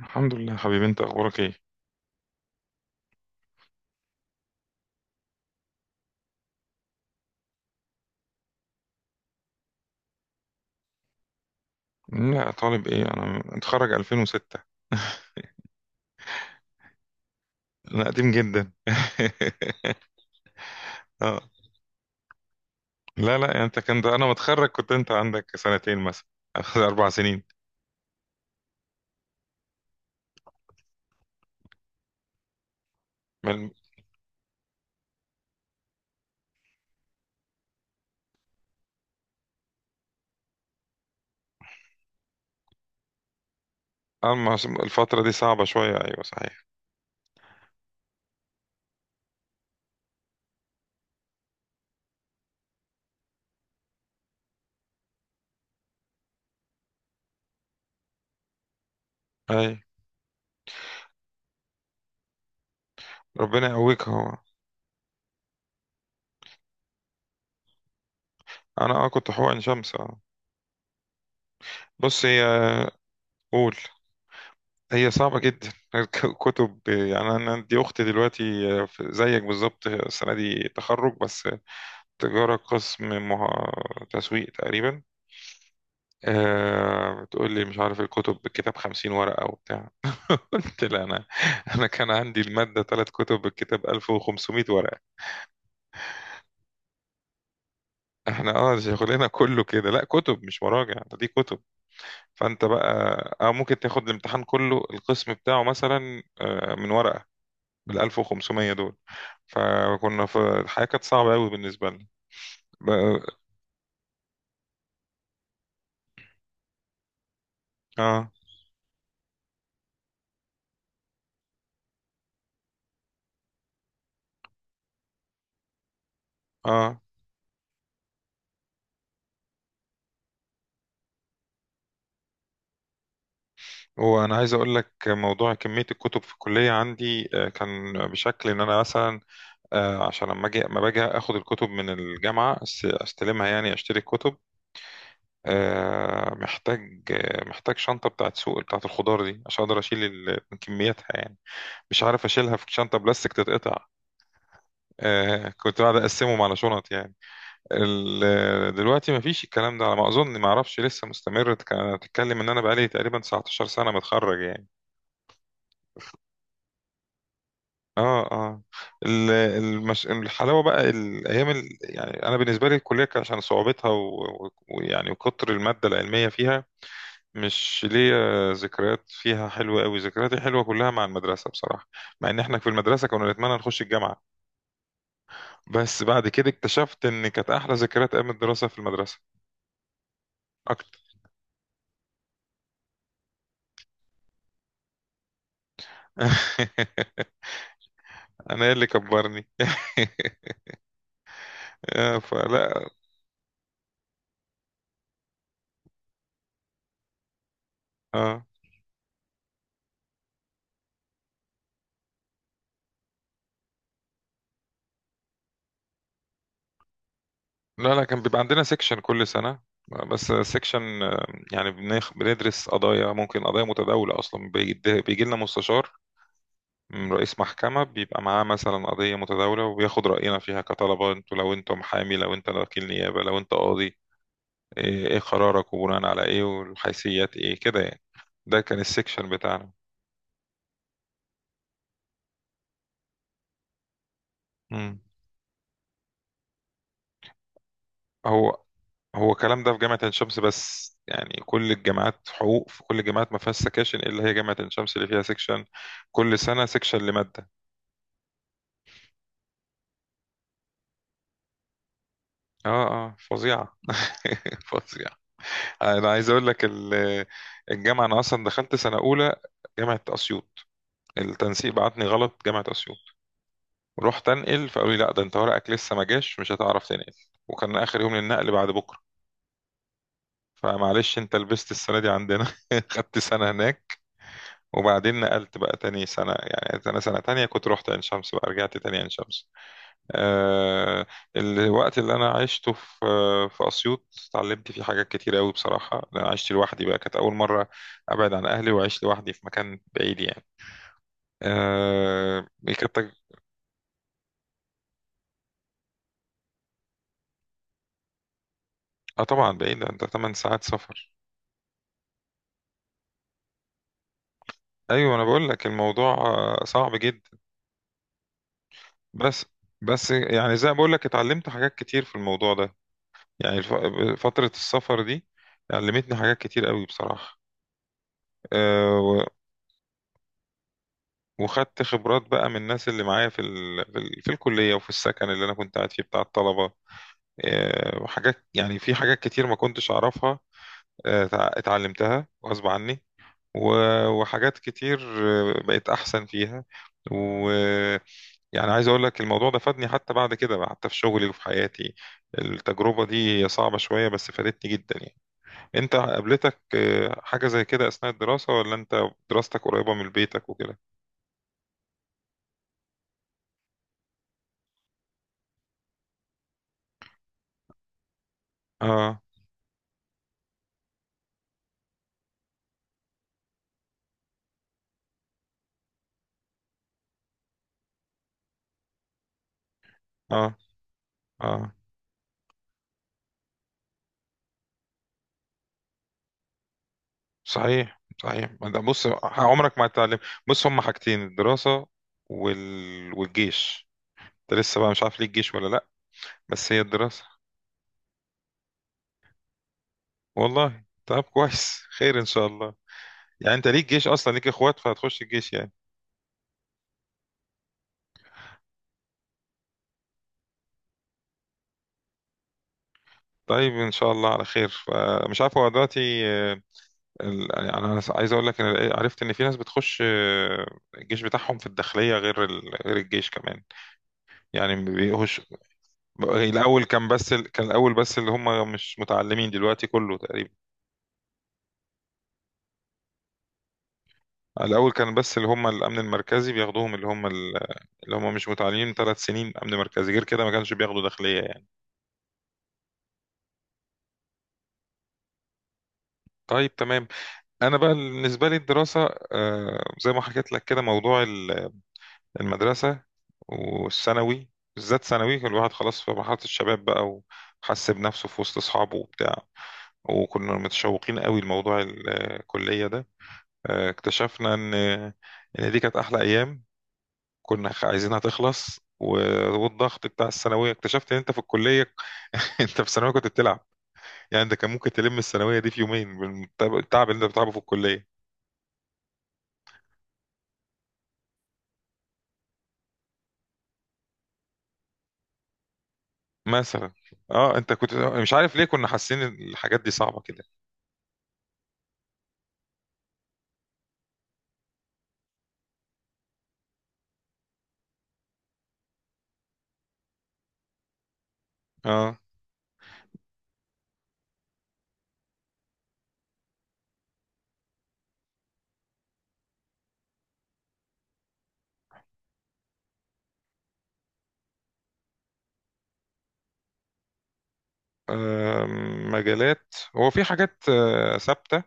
الحمد لله حبيبي، انت اخبارك ايه؟ لا، طالب ايه، انا متخرج 2006. انا قديم جدا. اه لا يعني انت كنت، انا متخرج كنت انت عندك سنتين مثلا. 4 سنين. من- اما الفترة دي صعبة شوية، ايوه صحيح. اي ربنا يقويك. هو انا كنت حقن عين شمس. اه بص هي. قول. هي صعبة جدا. كتب؟ يعني انا دي اختي دلوقتي زيك بالظبط، السنة دي تخرج بس. تجارة، قسم تسويق تقريبا. تقول لي مش عارف الكتب، بالكتاب 50 ورقة وبتاع. قلت لا، أنا أنا كان عندي المادة 3 كتب، بالكتاب 1500 ورقة. احنا شغلنا كله كده، لا كتب مش مراجع، ده دي كتب. فأنت بقى أو ممكن تاخد الامتحان كله، القسم بتاعه مثلا من ورقة بال 1500 دول. فكنا في الحياة كانت صعبة قوي بالنسبة لنا. بقى- اه اه وانا عايز اقول لك، موضوع كميه الكتب في الكليه عندي كان بشكل ان انا مثلا عشان لما باجي اخد الكتب من الجامعه، استلمها، يعني اشتري الكتب. محتاج شنطه بتاعت سوق بتاعت الخضار دي عشان اقدر اشيل من كمياتها، يعني مش عارف اشيلها في شنطه بلاستيك تتقطع. كنت قاعد اقسمهم على شنط يعني. دلوقتي مفيش الكلام ده، على ما اظن، ما اعرفش لسه مستمر، تتكلم، ان انا بقالي تقريبا 19 سنه متخرج يعني. اه اه الحلاوه بقى الايام، يعني انا بالنسبه لي الكليه كان عشان صعوبتها ويعني وكتر الماده العلميه فيها. مش ليا ذكريات فيها حلوه قوي، ذكرياتي حلوه كلها مع المدرسه بصراحه. مع ان احنا في المدرسه كنا نتمنى نخش الجامعه، بس بعد كده اكتشفت ان كانت احلى ذكريات ايام الدراسه في المدرسه. اكتر. انا اللي كبرني. فلا. اه لا لا، كان بيبقى عندنا سيكشن كل سنة. بس سيكشن، يعني بندرس قضايا، ممكن قضايا متداولة أصلا. بيجي لنا مستشار من رئيس محكمة، بيبقى معاه مثلا قضية متداولة وبياخد رأينا فيها كطلبة، انتوا لو انتوا محامي، لو انت وكيل نيابة، لو انت قاضي، ايه قرارك، وبناء على ايه، والحيثيات ايه كده يعني. ده كان السيكشن بتاعنا. مم. هو هو الكلام ده في جامعة عين شمس بس، يعني كل الجامعات حقوق، في كل الجامعات ما فيهاش سكاشن إلا هي جامعة عين شمس اللي فيها سكشن. كل سنة سكشن لمادة. اه فظيعة. فظيعة. أنا عايز أقول لك الجامعة، أنا أصلا دخلت سنة أولى جامعة أسيوط. التنسيق بعتني غلط جامعة أسيوط. رحت أنقل، فقالوا لي لا، ده أنت ورقك لسه ما جاش، مش هتعرف تنقل، وكان آخر يوم للنقل بعد بكرة، فمعلش أنت لبست السنة دي عندنا. خدت سنة هناك، وبعدين نقلت بقى تاني سنة. يعني أنا سنة تانية كنت رحت عين شمس، بقى رجعت تاني عين شمس. آه الوقت اللي أنا عشته في أسيوط، اتعلمت فيه حاجات كتير أوي بصراحة، لأن أنا عشت لوحدي بقى، كانت أول مرة أبعد عن أهلي وعشت لوحدي في مكان بعيد يعني. آه كانت تج- طبعا بعيد، ده 8 ساعات سفر. أيوة أنا بقول لك الموضوع صعب جدا. بس بس يعني زي ما بقول لك اتعلمت حاجات كتير في الموضوع ده. يعني فترة السفر دي علمتني حاجات كتير قوي بصراحة. أه و- وخدت خبرات بقى من الناس اللي معايا في, الكلية، وفي السكن اللي أنا كنت قاعد فيه بتاع الطلبة. وحاجات، يعني في حاجات كتير ما كنتش أعرفها، اتعلمتها غصب عني. و... وحاجات كتير بقيت أحسن فيها. و يعني عايز أقول لك الموضوع ده فادني، حتى بعد كده، حتى في شغلي وفي حياتي. التجربة دي هي صعبة شوية بس فادتني جدا يعني. انت قابلتك حاجة زي كده اثناء الدراسة؟ ولا انت دراستك قريبة من بيتك وكده؟ اه اه اه صحيح صحيح، ما ده بص عمرك ما هتتعلم. بص هما حاجتين، الدراسة والجيش. انت لسه بقى مش عارف ليك جيش ولا لا؟ بس هي الدراسة. والله طب كويس، خير ان شاء الله. يعني انت ليك جيش اصلا، ليك اخوات فهتخش الجيش يعني. طيب ان شاء الله على خير. فمش عارف هو دلوقتي يعني انا عايز اقول لك، ان عرفت ان في ناس بتخش الجيش بتاعهم في الداخليه، غير غير الجيش كمان، يعني ما بيقوش. الاول كان بس ال... كان الاول بس اللي هم مش متعلمين، دلوقتي كله تقريبا. الاول كان بس اللي هم الامن المركزي بياخدوهم، اللي هم اللي هم مش متعلمين 3 سنين امن مركزي، غير كده ما كانش بياخدوا داخليه يعني. طيب تمام. انا بقى بالنسبه لي الدراسه، زي ما حكيت لك كده، موضوع المدرسة والثانوي، بالذات ثانوي، كان الواحد خلاص في مرحلة الشباب بقى، وحس بنفسه في وسط أصحابه وبتاع، وكنا متشوقين قوي لموضوع الكلية ده. اكتشفنا إن دي كانت أحلى أيام. كنا عايزينها تخلص، والضغط بتاع الثانوية. اكتشفت إن أنت في الكلية، أنت في الثانوية كنت بتلعب. يعني أنت كان ممكن تلم الثانوية دي في يومين بالتعب، التعب اللي أنت بتعبه في الكلية مثلا. اه انت كنت مش عارف ليه كنا حاسين إن الحاجات دي صعبة كده. اه. مجالات، هو في حاجات ثابتة.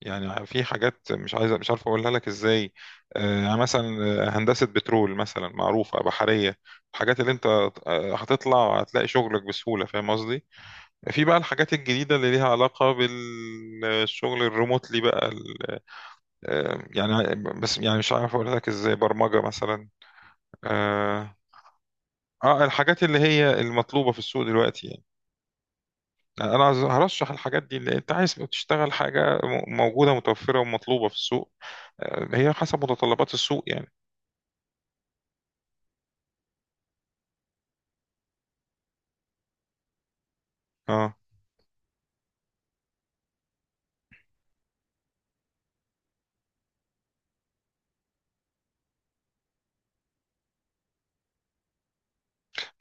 يعني في حاجات مش عارف أقولها لك إزاي، يعني مثلا هندسة بترول مثلا معروفة بحرية، الحاجات اللي أنت هتطلع هتلاقي شغلك بسهولة، فاهم قصدي؟ في بقى الحاجات الجديدة اللي ليها علاقة بالشغل الريموتلي بقى يعني، بس يعني مش عارف أقولها لك إزاي، برمجة مثلا. آه الحاجات اللي هي المطلوبة في السوق دلوقتي. يعني انا هرشح الحاجات دي، اللي انت عايز تشتغل حاجه موجوده، متوفره ومطلوبه في السوق. هي حسب متطلبات السوق يعني. اه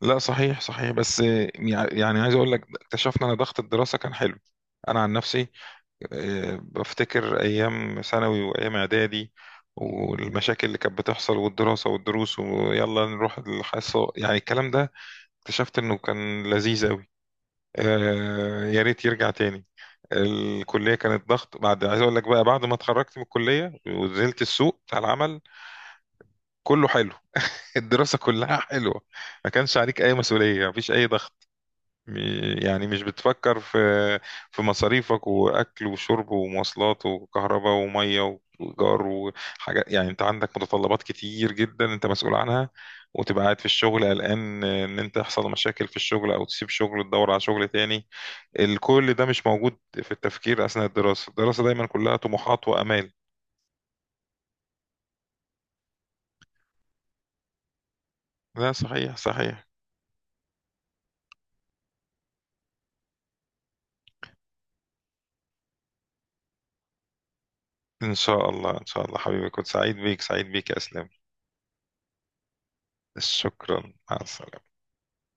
لا صحيح صحيح، بس يعني عايز اقول لك اكتشفنا ان ضغط الدراسه كان حلو. انا عن نفسي بفتكر ايام ثانوي وايام اعدادي، والمشاكل اللي كانت بتحصل، والدراسه والدروس ويلا نروح الحصه، يعني الكلام ده اكتشفت انه كان لذيذ قوي. يا ريت يرجع تاني. الكلية كانت ضغط بعد. عايز اقول لك بقى بعد ما اتخرجت من الكلية ونزلت السوق بتاع العمل، كله حلو. الدراسة كلها حلوة، ما كانش عليك اي مسؤولية، مفيش اي ضغط. يعني مش بتفكر في مصاريفك، واكل وشرب ومواصلات وكهرباء ومية وايجار وحاجات، يعني انت عندك متطلبات كتير جدا انت مسؤول عنها. وتبقى قاعد في الشغل قلقان ان انت يحصل مشاكل في الشغل، او تسيب شغل تدور على شغل تاني. الكل ده مش موجود في التفكير أثناء الدراسة. الدراسة دايما كلها طموحات وأمال. لا صحيح صحيح. إن شاء الله إن شاء الله حبيبي، كنت سعيد بيك سعيد بيك يا أسلام. شكرا، مع السلامة.